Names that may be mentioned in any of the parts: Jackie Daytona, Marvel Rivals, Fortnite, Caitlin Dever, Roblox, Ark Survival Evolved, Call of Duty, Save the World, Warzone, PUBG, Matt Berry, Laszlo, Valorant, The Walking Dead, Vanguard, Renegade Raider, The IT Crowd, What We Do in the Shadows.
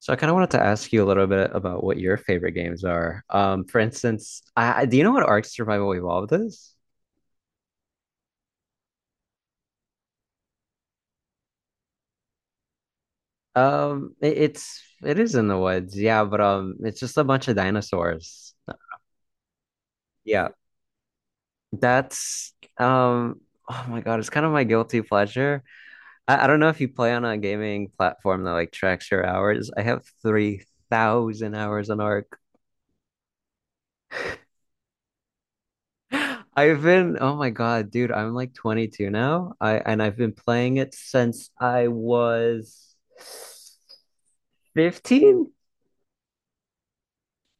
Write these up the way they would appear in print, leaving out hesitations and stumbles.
So I kind of wanted to ask you a little bit about what your favorite games are. For instance, do you know what Ark Survival Evolved is? It is in the woods, yeah, but it's just a bunch of dinosaurs. Yeah, that's um, oh my God, it's kind of my guilty pleasure. I don't know if you play on a gaming platform that like tracks your hours. I have 3,000 hours on Ark. Oh my God, dude, I'm like 22 now. I and I've been playing it since I was 15?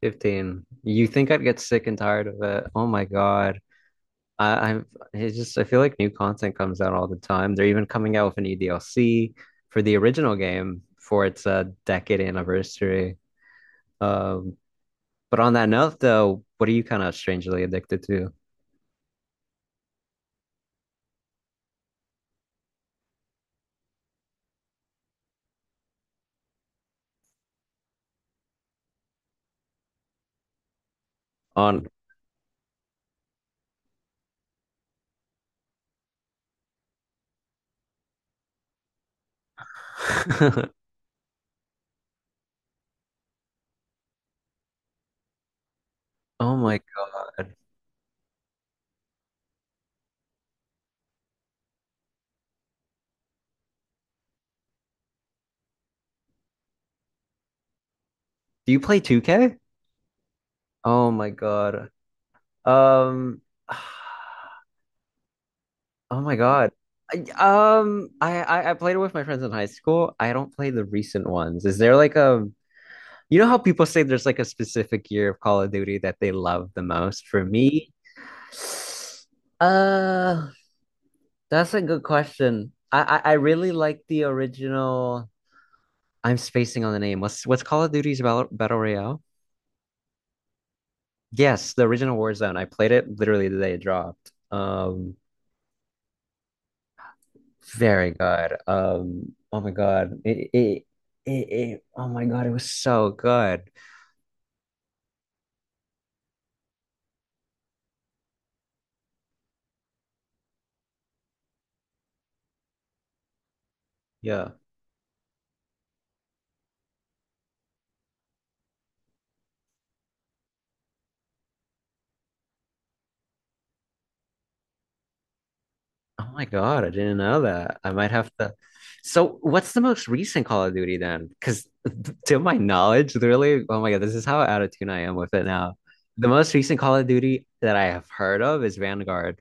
15. You think I'd get sick and tired of it? Oh my God. I, I'm It's just I feel like new content comes out all the time. They're even coming out with a new DLC for the original game for its decade anniversary. Um, but on that note though, what are you kind of strangely addicted to? On Oh my God. Do you play 2K? Oh my God. Um, oh my God. I, I played it with my friends in high school. I don't play the recent ones. Is there like a, You know how people say there's like a specific year of Call of Duty that they love the most? For me, uh, that's a good question. I really like the original. I'm spacing on the name. What's Call of Duty's Battle Royale? Yes, the original Warzone. I played it literally the day it dropped. Very good. Oh my God. Oh my God, it was so good. Yeah. Oh my God, I didn't know that. I might have to. So, what's the most recent Call of Duty then? Because to my knowledge, literally, oh my God, this is how out of tune I am with it now. The most recent Call of Duty that I have heard of is Vanguard.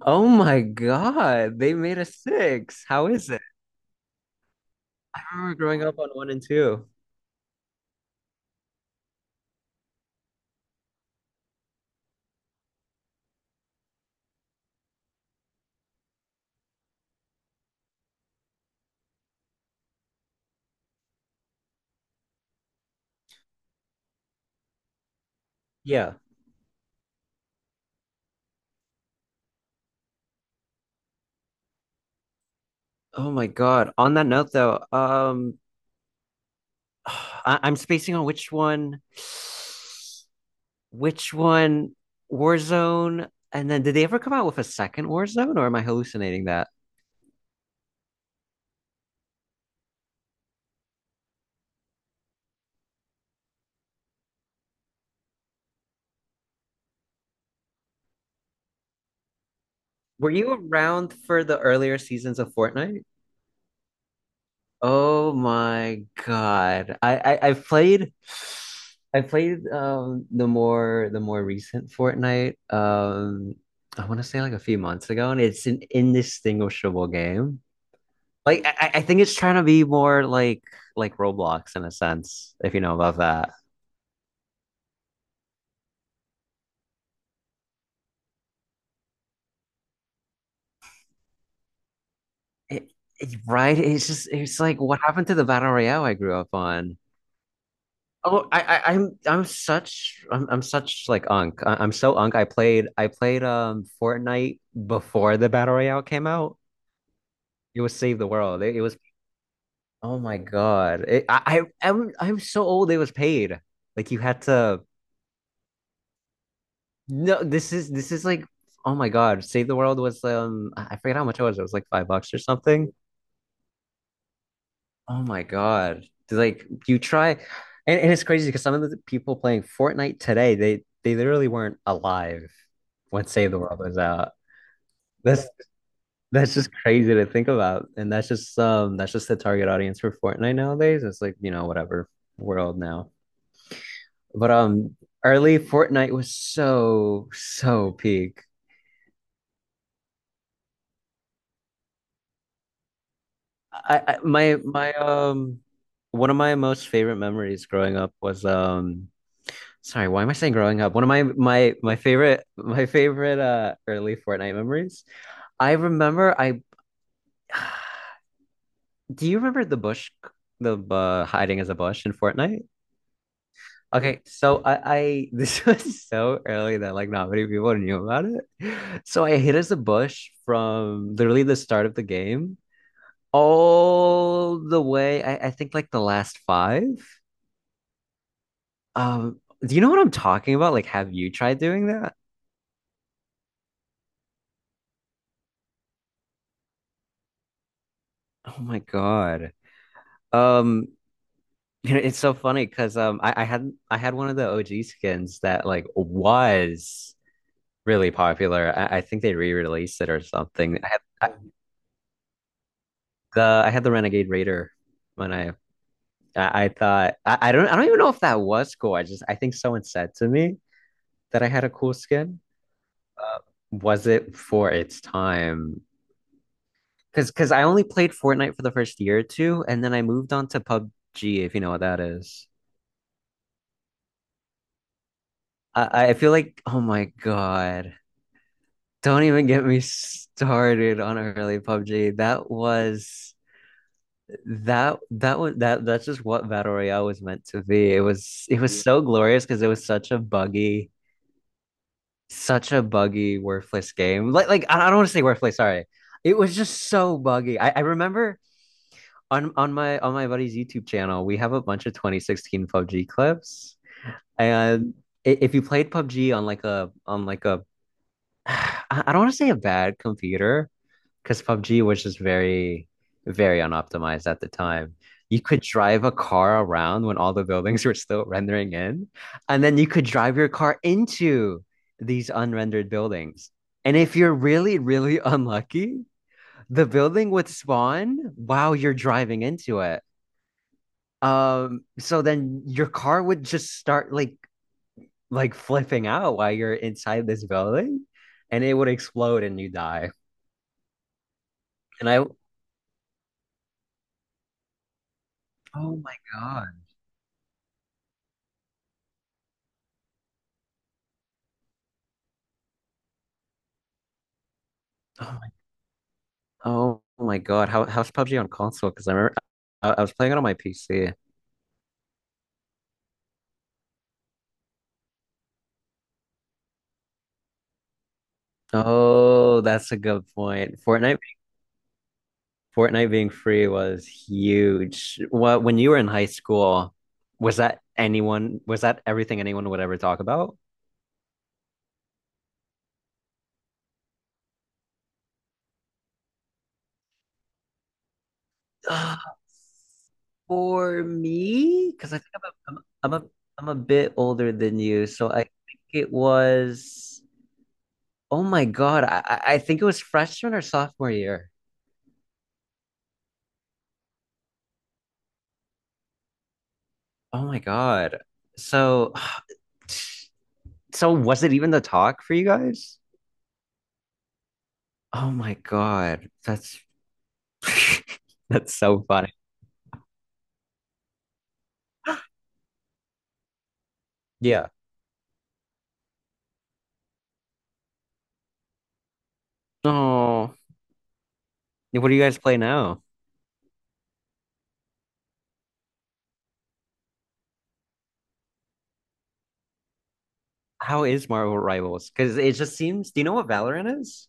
Oh my God, they made a six. How is it? I remember growing up on one and two. Yeah. Oh my God. On that note though, I'm spacing on which one, Warzone, and then did they ever come out with a second Warzone, or am I hallucinating that? Were you around for the earlier seasons of Fortnite? Oh my God. I played the more recent Fortnite, I want to say like a few months ago and it's an indistinguishable game. Like I think it's trying to be more like Roblox in a sense, if you know about that. It, right? It's like what happened to the battle royale I grew up on. Oh, I'm such like unk. I'm so unk. I played Fortnite before the battle royale came out. It was Save the World. It was Oh my God. It, I I'm so old. It was paid. Like you had to. No, this is like, oh my God. Save the World was, I forget how much it was. It was like $5 or something. Oh my God. Like you try and it's crazy because some of the people playing Fortnite today, they literally weren't alive when Save the World was out. That's that's just crazy to think about. And that's just the target audience for Fortnite nowadays. It's like, whatever world now. But early Fortnite was so peak. I my my One of my most favorite memories growing up was, sorry, why am I saying growing up? One of my favorite early Fortnite memories. I remember I Do you remember the bush, the hiding as a bush in Fortnite? Okay, so I this was so early that like not many people knew about it. So I hid as a bush from literally the start of the game all the way. I think like the last five. Do you know what I'm talking about? Like, have you tried doing that? Oh my God. Um, it's so funny because I had one of the OG skins that like was really popular. I think they re-released it or something. I had the Renegade Raider when I don't even know if that was cool. I think someone said to me that I had a cool skin. Was it for its time? Because I only played Fortnite for the first year or two, and then I moved on to PUBG, if you know what that is. I feel like, oh my God, don't even get me started on early PUBG. That was that that's just what Battle Royale was meant to be. It was so glorious because it was such a buggy, worthless game. Like I don't want to say worthless, sorry. It was just so buggy. I remember on my buddy's YouTube channel, we have a bunch of 2016 PUBG clips. And if you played PUBG on I don't want to say a bad computer because PUBG was just very very unoptimized at the time. You could drive a car around when all the buildings were still rendering in, and then you could drive your car into these unrendered buildings. And if you're really, really unlucky, the building would spawn while you're driving into it. So then your car would just start like flipping out while you're inside this building and it would explode and you die. And I Oh my God. Oh my, oh my God. How's PUBG on console? Because I remember I was playing it on my PC. Oh, that's a good point. Fortnite being free was huge. What when you were in high school, was that everything anyone would ever talk about? Uh, for me, because I think I'm a, I'm, I'm a I'm a bit older than you, so I think it was. Oh my God, I think it was freshman or sophomore year. Oh my God. So, so was it even the talk for you guys? Oh my God, that's so funny. Yeah. Oh, what do you guys play now? How is Marvel Rivals? Because it just seems. Do you know what Valorant is?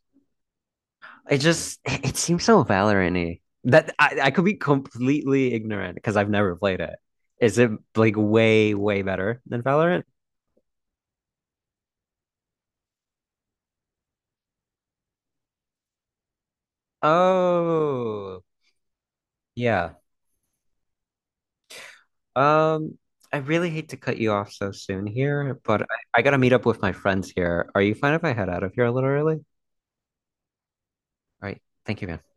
It seems so Valorant-y. That I could be completely ignorant because I've never played it. Is it like way, way better than Valorant? Oh, yeah. Um, I really hate to cut you off so soon here, but I gotta meet up with my friends here. Are you fine if I head out of here a little early? All right. Thank you, man.